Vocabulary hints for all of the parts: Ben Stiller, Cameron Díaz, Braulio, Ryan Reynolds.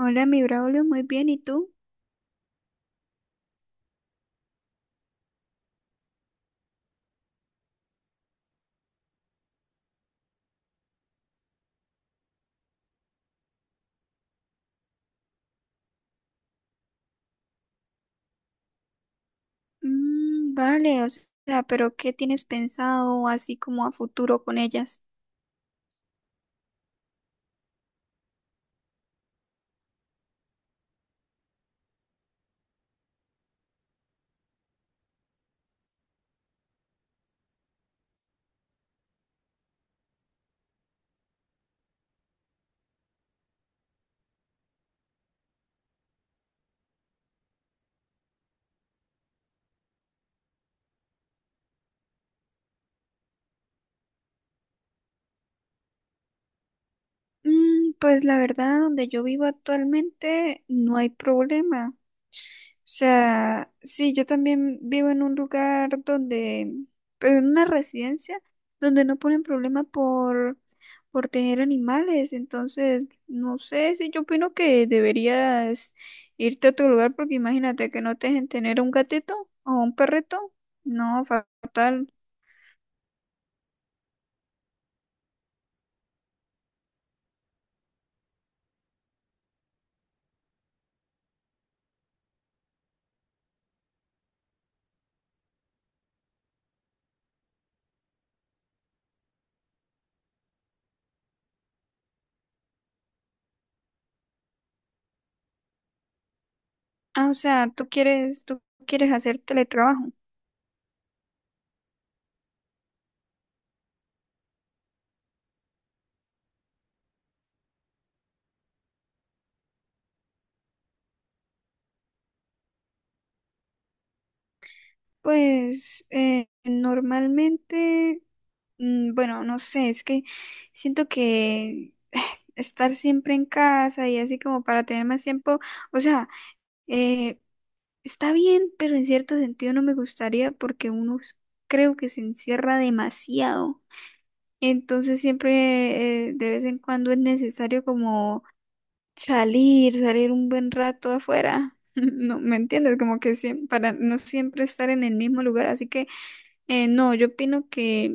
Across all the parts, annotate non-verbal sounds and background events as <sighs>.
Hola, mi Braulio, muy bien, ¿y tú? Mm, vale, o sea, pero ¿qué tienes pensado así como a futuro con ellas? Pues la verdad, donde yo vivo actualmente no hay problema. O sea, sí, yo también vivo en un lugar donde, pues, en una residencia donde no ponen problema por tener animales. Entonces, no sé si yo opino que deberías irte a otro lugar porque imagínate que no te dejen tener un gatito o un perrito. No, fatal. Ah, o sea, tú quieres hacer teletrabajo. Pues normalmente, bueno, no sé, es que siento que <sighs> estar siempre en casa y así como para tener más tiempo, o sea, eh, está bien, pero en cierto sentido no me gustaría porque creo que se encierra demasiado. Entonces siempre de vez en cuando es necesario como salir un buen rato afuera. <laughs> No, ¿me entiendes? Como que para no siempre estar en el mismo lugar, así que no, yo opino que,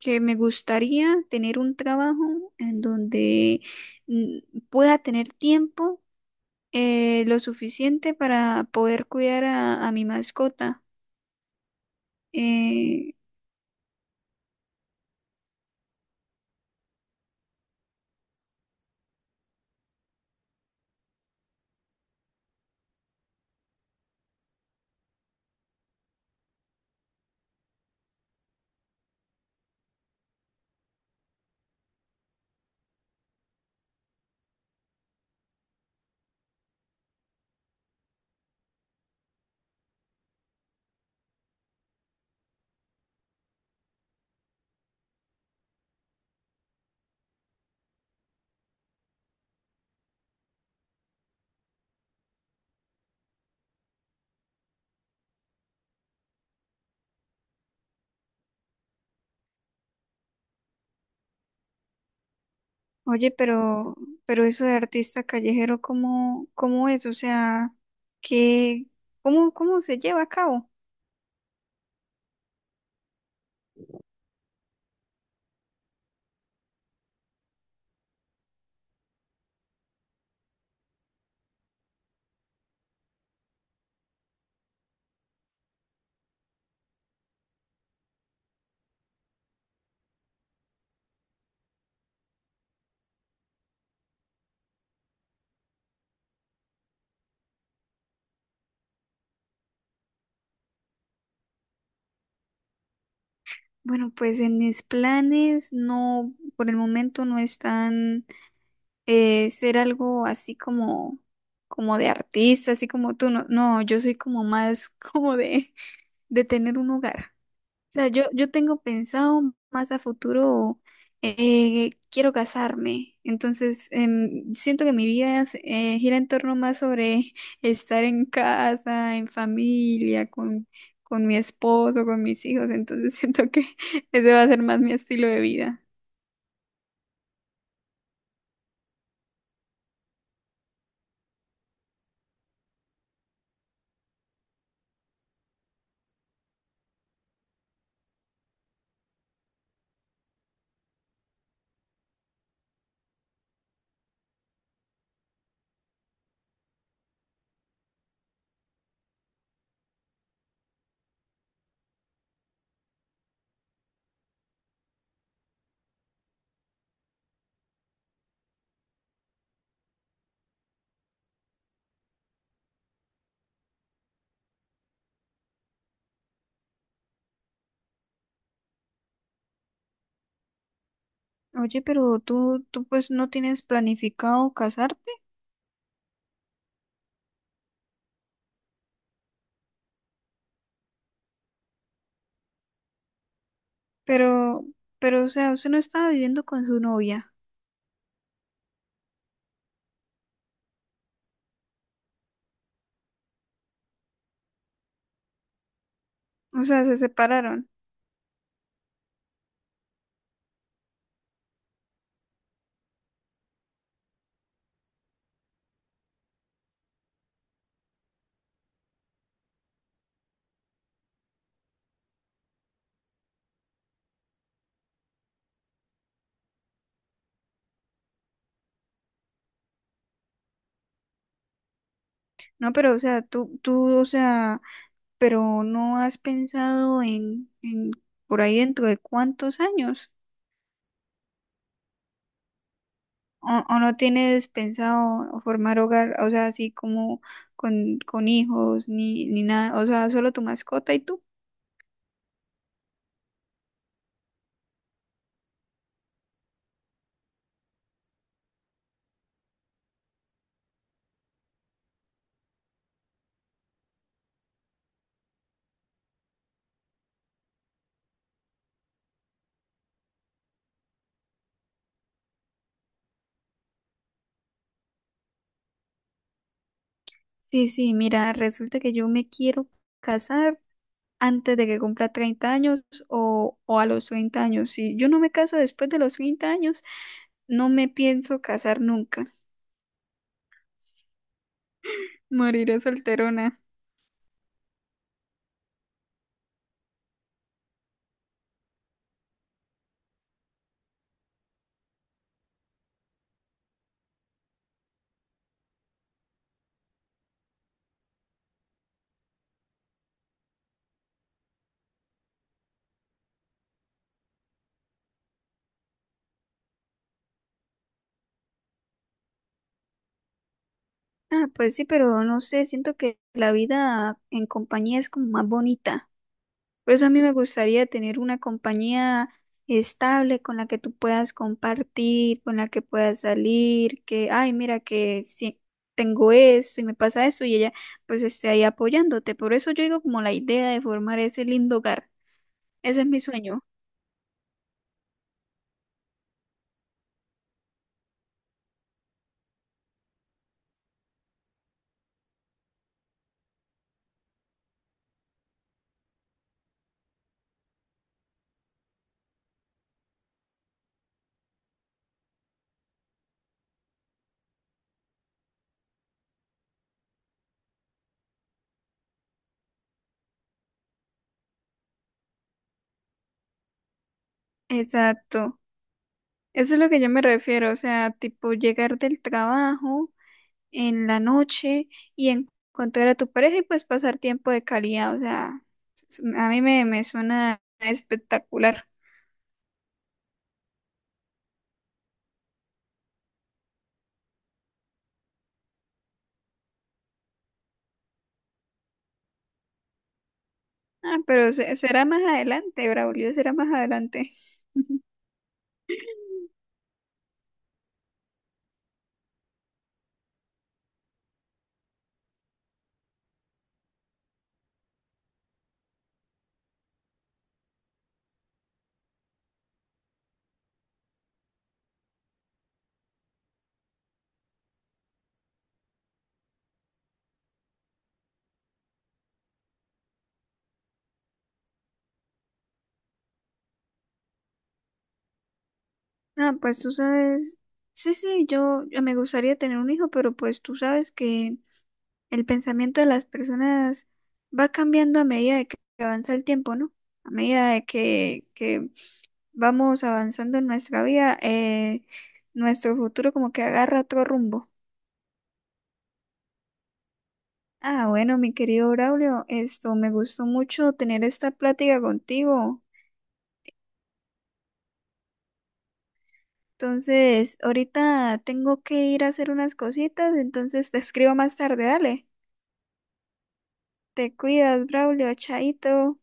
que me gustaría tener un trabajo en donde mm, pueda tener tiempo lo suficiente para poder cuidar a mi mascota. Eh, Oye, pero, eso de artista callejero, ¿cómo es? O sea, ¿qué, ¿cómo se lleva a cabo? Bueno, pues en mis planes no, por el momento no están ser algo así como de artista, así como tú. No, no, yo soy como más <laughs> como de tener un hogar. O sea, yo tengo pensado más a futuro, quiero casarme. Entonces, siento que mi vida gira en torno más sobre <laughs> estar en casa, en familia, con mi esposo, con mis hijos. Entonces, <laughs> siento que ese va a ser más mi estilo de vida. Oye, pero tú pues no tienes planificado casarte. Pero, pero, o sea, usted no estaba viviendo con su novia. O sea, se separaron. No, pero, o sea, tú, o sea, pero no has pensado en por ahí dentro de cuántos años. O no tienes pensado formar hogar, o sea, así como con hijos, ni nada. O sea, solo tu mascota y tú. Sí, sí, mira, resulta que yo me quiero casar antes de que cumpla 30 años o a los 30 años. Si yo no me caso después de los 30 años, no me pienso casar nunca. <laughs> Moriré solterona. Ah, pues sí, pero no sé, siento que la vida en compañía es como más bonita. Por eso a mí me gustaría tener una compañía estable con la que tú puedas compartir, con la que puedas salir, que, ay, mira que si tengo esto y me pasa esto y ella pues esté ahí apoyándote. Por eso yo digo como la idea de formar ese lindo hogar. Ese es mi sueño. Exacto. Eso es lo que yo me refiero. O sea, tipo llegar del trabajo en la noche y encontrar a tu pareja y pues pasar tiempo de calidad. O sea, a mí me suena espectacular. Ah, pero será más adelante, Braulio, será más adelante. Ah, pues tú sabes, sí, sí, yo me gustaría tener un hijo, pero pues tú sabes que el pensamiento de las personas va cambiando a medida de que avanza el tiempo, ¿no? A medida de que vamos avanzando en nuestra vida, nuestro futuro como que agarra otro rumbo. Ah, bueno, mi querido Braulio, esto me gustó mucho tener esta plática contigo. Entonces, ahorita tengo que ir a hacer unas cositas, entonces te escribo más tarde, dale. Te cuidas, Braulio, chaito.